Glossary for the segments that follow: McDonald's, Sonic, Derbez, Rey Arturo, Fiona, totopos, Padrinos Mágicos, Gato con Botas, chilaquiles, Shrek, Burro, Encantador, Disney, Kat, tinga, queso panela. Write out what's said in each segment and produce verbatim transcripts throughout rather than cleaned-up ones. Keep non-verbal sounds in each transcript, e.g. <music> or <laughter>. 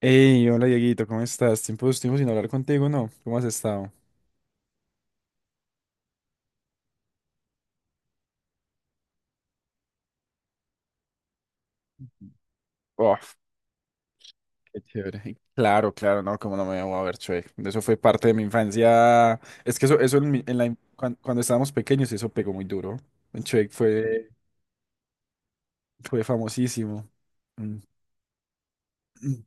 Hey, hola Dieguito, ¿cómo estás? Tiempo, tiempo sin hablar contigo, ¿no? ¿Cómo has estado? Uf, qué chévere. Claro, claro, no, cómo no me voy a ver Shrek. Eso fue parte de mi infancia. Es que eso, eso en, mi- en la, in- cuan- cuando estábamos pequeños, eso pegó muy duro. Shrek fue, fue famosísimo. Mm, mm,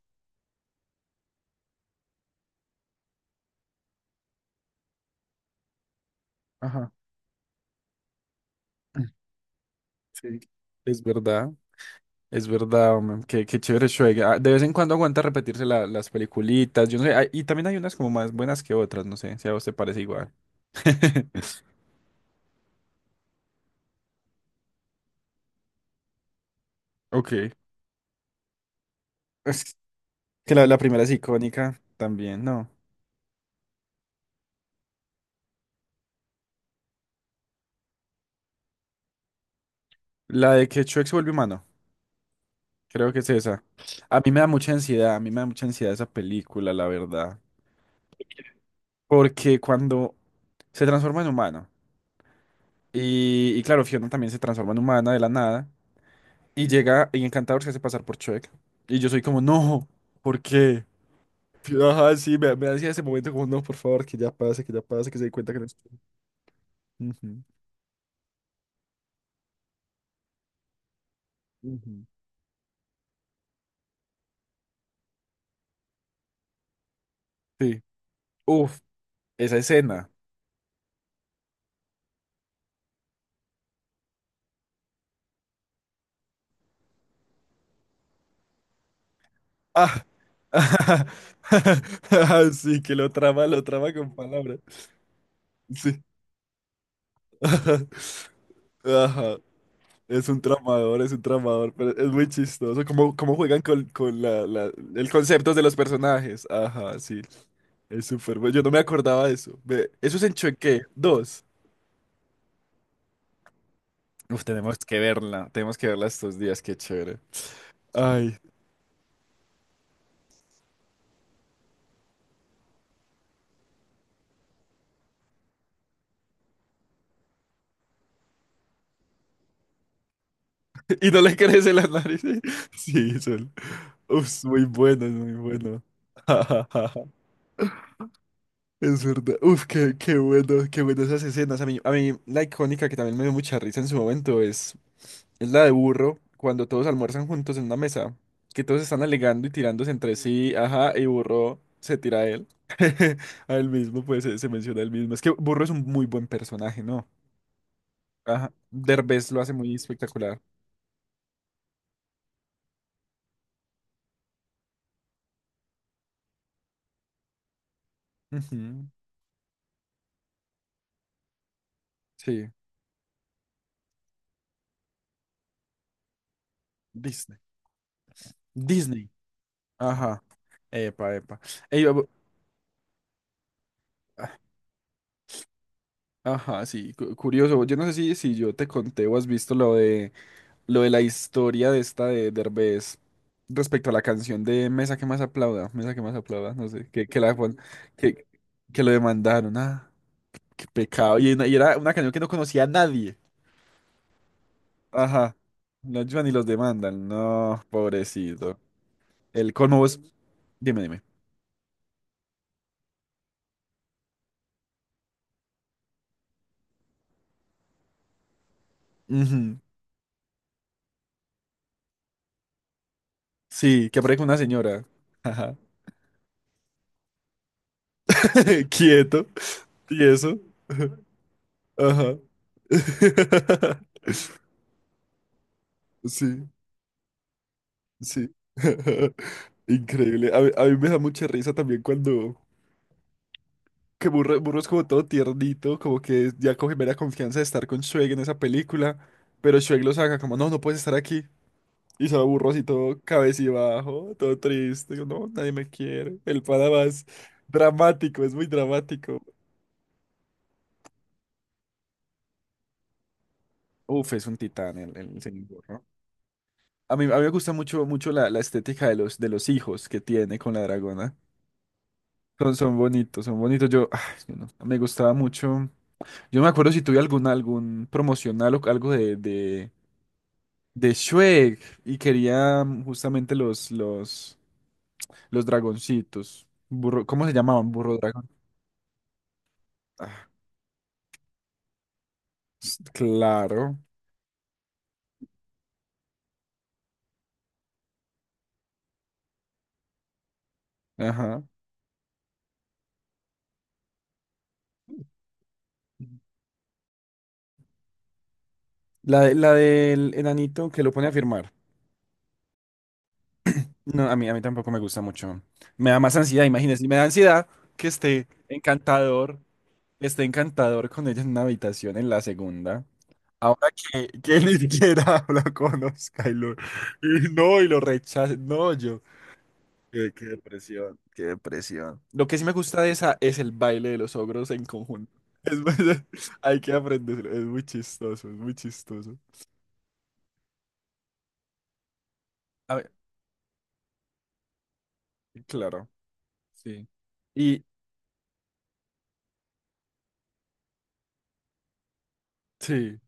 Ajá. mm, Sí, es verdad, es verdad, hombre. Qué, qué chévere Shrek. Ah, de vez en cuando aguanta repetirse la- las peliculitas. Yo no sé, hay- y también hay unas como más buenas que otras, no sé, si a vos te parece igual. <laughs> Ok. Es que la, la primera es icónica también, ¿no? La de que Shrek se vuelve humano, creo que es esa. A mí me da mucha ansiedad, a mí me da mucha ansiedad esa película, la verdad. Porque cuando se transforma en humano, y, y claro, Fiona también se transforma en humana de la nada, y llega y Encantador se hace pasar por Shrek. Y yo soy como, no, ¿por qué? Fiona, ajá, sí, me, me hacía ese momento como, no, por favor, que ya pase, que ya pase, que se dé cuenta que no estoy. Ujú, ujú. Sí. Uf, esa escena. Ah, <laughs> sí, que lo trama, lo trama con palabras. Sí. <laughs> Ajá. Es un tramador, es un tramador, pero es muy chistoso. Cómo, cómo juegan con, con la, la- el concepto de los personajes. Ajá, sí. Es súper bueno. Yo no me acordaba de eso. Ve, eso es en Choque dos. Uf, tenemos que verla. Tenemos que verla estos días. Qué chévere. Ay. <laughs> Y no le crece la nariz. <laughs> Sí, son. Uf, muy bueno, es muy bueno. <laughs> Es verdad. Uf, qué, qué bueno, qué bueno esas escenas. A mí, a mí, la icónica que también me dio mucha risa en su momento es, es la de Burro, cuando todos almuerzan juntos en una mesa, que todos están alegando y tirándose entre sí, ajá, y Burro se tira a él. <laughs> A él mismo, pues se, se menciona a él mismo. Es que Burro es un muy buen personaje, ¿no? Ajá. Derbez lo hace muy espectacular. Ujú. Sí, Disney. Disney. Ajá. Epa, epa. Ey, bu- Ajá, sí, cu- curioso. Yo no sé si, si yo te conté o has visto lo de lo de la historia de esta de Derbez respecto a la canción de Mesa que más aplauda, Mesa que más aplauda, no sé, que, que la pon- que, que lo demandaron. Ah, qué pecado. Y, y era una canción que no conocía a nadie. Ajá. Lo ayudan y los demandan. No, pobrecito. El colmo vos. Dime, dime. Ujú. Sí, que aparezca una señora. Ajá. <laughs> Quieto. ¿Y eso? <laughs> Ajá. <laughs> Sí, sí. <laughs> Increíble. A mí, a mí me da mucha risa también cuando… Que Burro, Burro es como todo tiernito, como que ya coge mera confianza de estar con Shrek en esa película, pero Shrek lo saca como, no, no puedes estar aquí. Y se va Burro así todo cabecibajo, todo triste, como, no, nadie me quiere. El pana más dramático, es muy dramático. Uf, es un titán el, el señor Burro. A mí, a mí me gusta mucho, mucho la, la estética de los, de los hijos que tiene con la dragona. Son, son bonitos, son bonitos. Yo, ah, es no, no me gustaba mucho. Yo no me acuerdo si tuve algún, algún promocional o algo de, de, de Shrek y quería mm, justamente los, los, los dragoncitos. Burro, ¿cómo se llamaban? Burro dragón. Ah, s- claro. Ajá. La, de- la del enanito que lo pone a firmar. No, a mí, a mí tampoco me gusta mucho. Me da más ansiedad, imagínense. Me da ansiedad que esté encantador, esté encantador con ella en una habitación en la segunda. Ahora que, que ni siquiera <laughs> lo conozca y lo, y no, y lo rechaza. No, yo. Qué, qué depresión, qué depresión. Lo que sí me gusta de esa es el baile de los ogros en conjunto. Es muy- <laughs> hay que aprenderlo. Es muy chistoso, es muy chistoso. A ver, claro, sí. Y sí.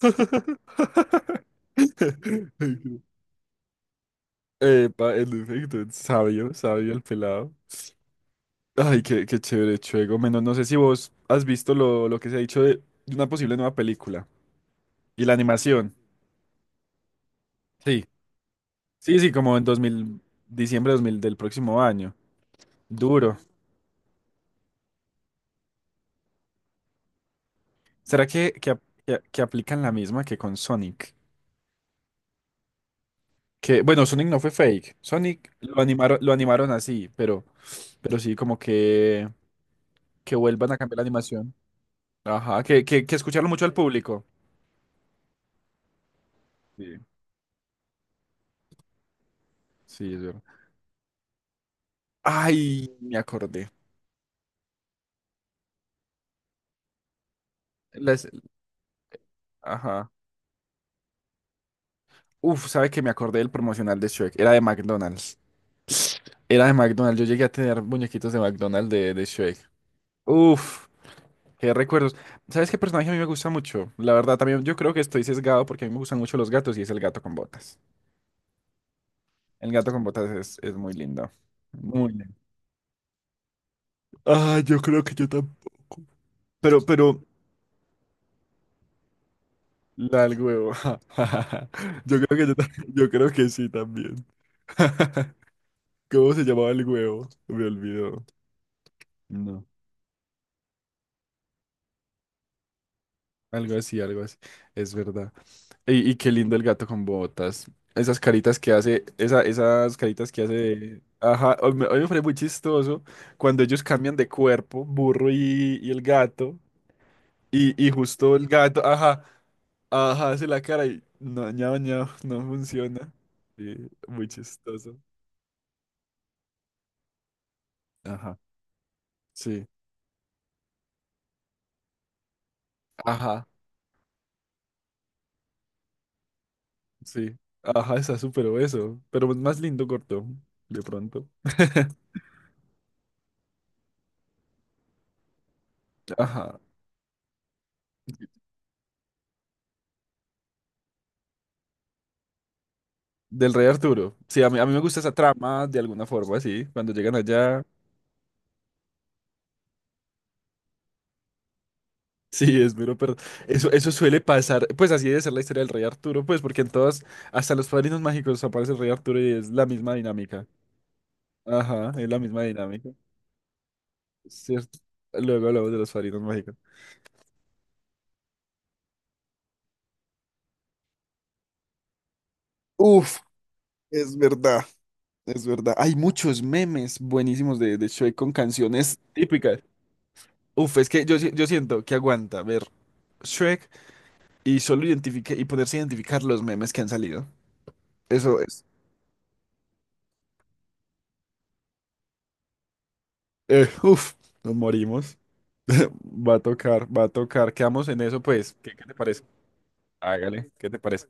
<laughs> Epa, en efecto, es sabio, sabio el pelado. Ay, qué, qué chévere, Chuego. Menos, no sé si vos has visto lo, lo que se ha dicho de, de una posible nueva película y la animación. Sí. Sí, sí, como en dos mil diciembre de dos mil del próximo año. Duro. ¿Será que, que, ap- que- que aplican la misma que con Sonic? Que, bueno, Sonic no fue fake. Sonic lo animaron, lo animaron así, pero, pero sí, como que, que vuelvan a cambiar la animación. Ajá, que, que, que escucharon mucho al público. Sí, sí, es verdad. Ay, me acordé. Las- ajá. Uf, ¿sabe que me acordé del promocional de Shrek? Era de McDonald's. Era de McDonald's. Yo llegué a tener muñequitos de McDonald's de, de Shrek. Uf, qué recuerdos. ¿Sabes qué personaje a mí me gusta mucho? La verdad, también yo creo que estoy sesgado porque a mí me gustan mucho los gatos y es el gato con botas. El gato con botas es, es muy lindo. Muy lindo. Ah, yo creo que yo tampoco. Pero, pero, la del huevo. <laughs> Yo creo que yo, ta- yo creo que sí también. <laughs> ¿Cómo se llamaba el huevo? Me olvidó. No, algo así, algo así. Es verdad. Y, y qué lindo el gato con botas. Esas caritas que hace, esa, esas caritas que hace de… Ajá, hoy me, hoy me fue muy chistoso cuando ellos cambian de cuerpo, burro y, y el gato. Y, y justo el gato, ajá, ajá, hace la cara y no, ñao, ñao, no funciona. Sí, muy chistoso. Ajá, sí, ajá, sí. Ajá, está súper obeso, pero es más lindo corto, de pronto. <laughs> Ajá. Del Rey Arturo. Sí, a mí, a mí me gusta esa trama de alguna forma, así. Cuando llegan allá, <laughs> sí, es mero, pero eso, eso suele pasar. Pues así debe ser la historia del Rey Arturo, pues porque en todas, hasta los Padrinos Mágicos aparece el Rey Arturo y es la misma dinámica. Ajá, es la misma dinámica. Cierto. Luego hablamos de los Padrinos Mágicos. Uf, es verdad, es verdad. Hay muchos memes buenísimos de, de Shrek con canciones típicas. Uf, es que yo, si- yo siento que aguanta ver Shrek y solo identifique y poderse identificar los memes que han salido. Eso es. Eh, uf, nos morimos. <laughs> Va a tocar, va a tocar. Quedamos en eso, pues. ¿Qué, qué te parece? Hágale, ¿qué te parece?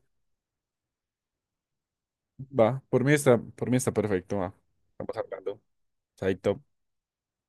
Va, por mí está, por mí está perfecto, va. Estamos hablando. Chaito.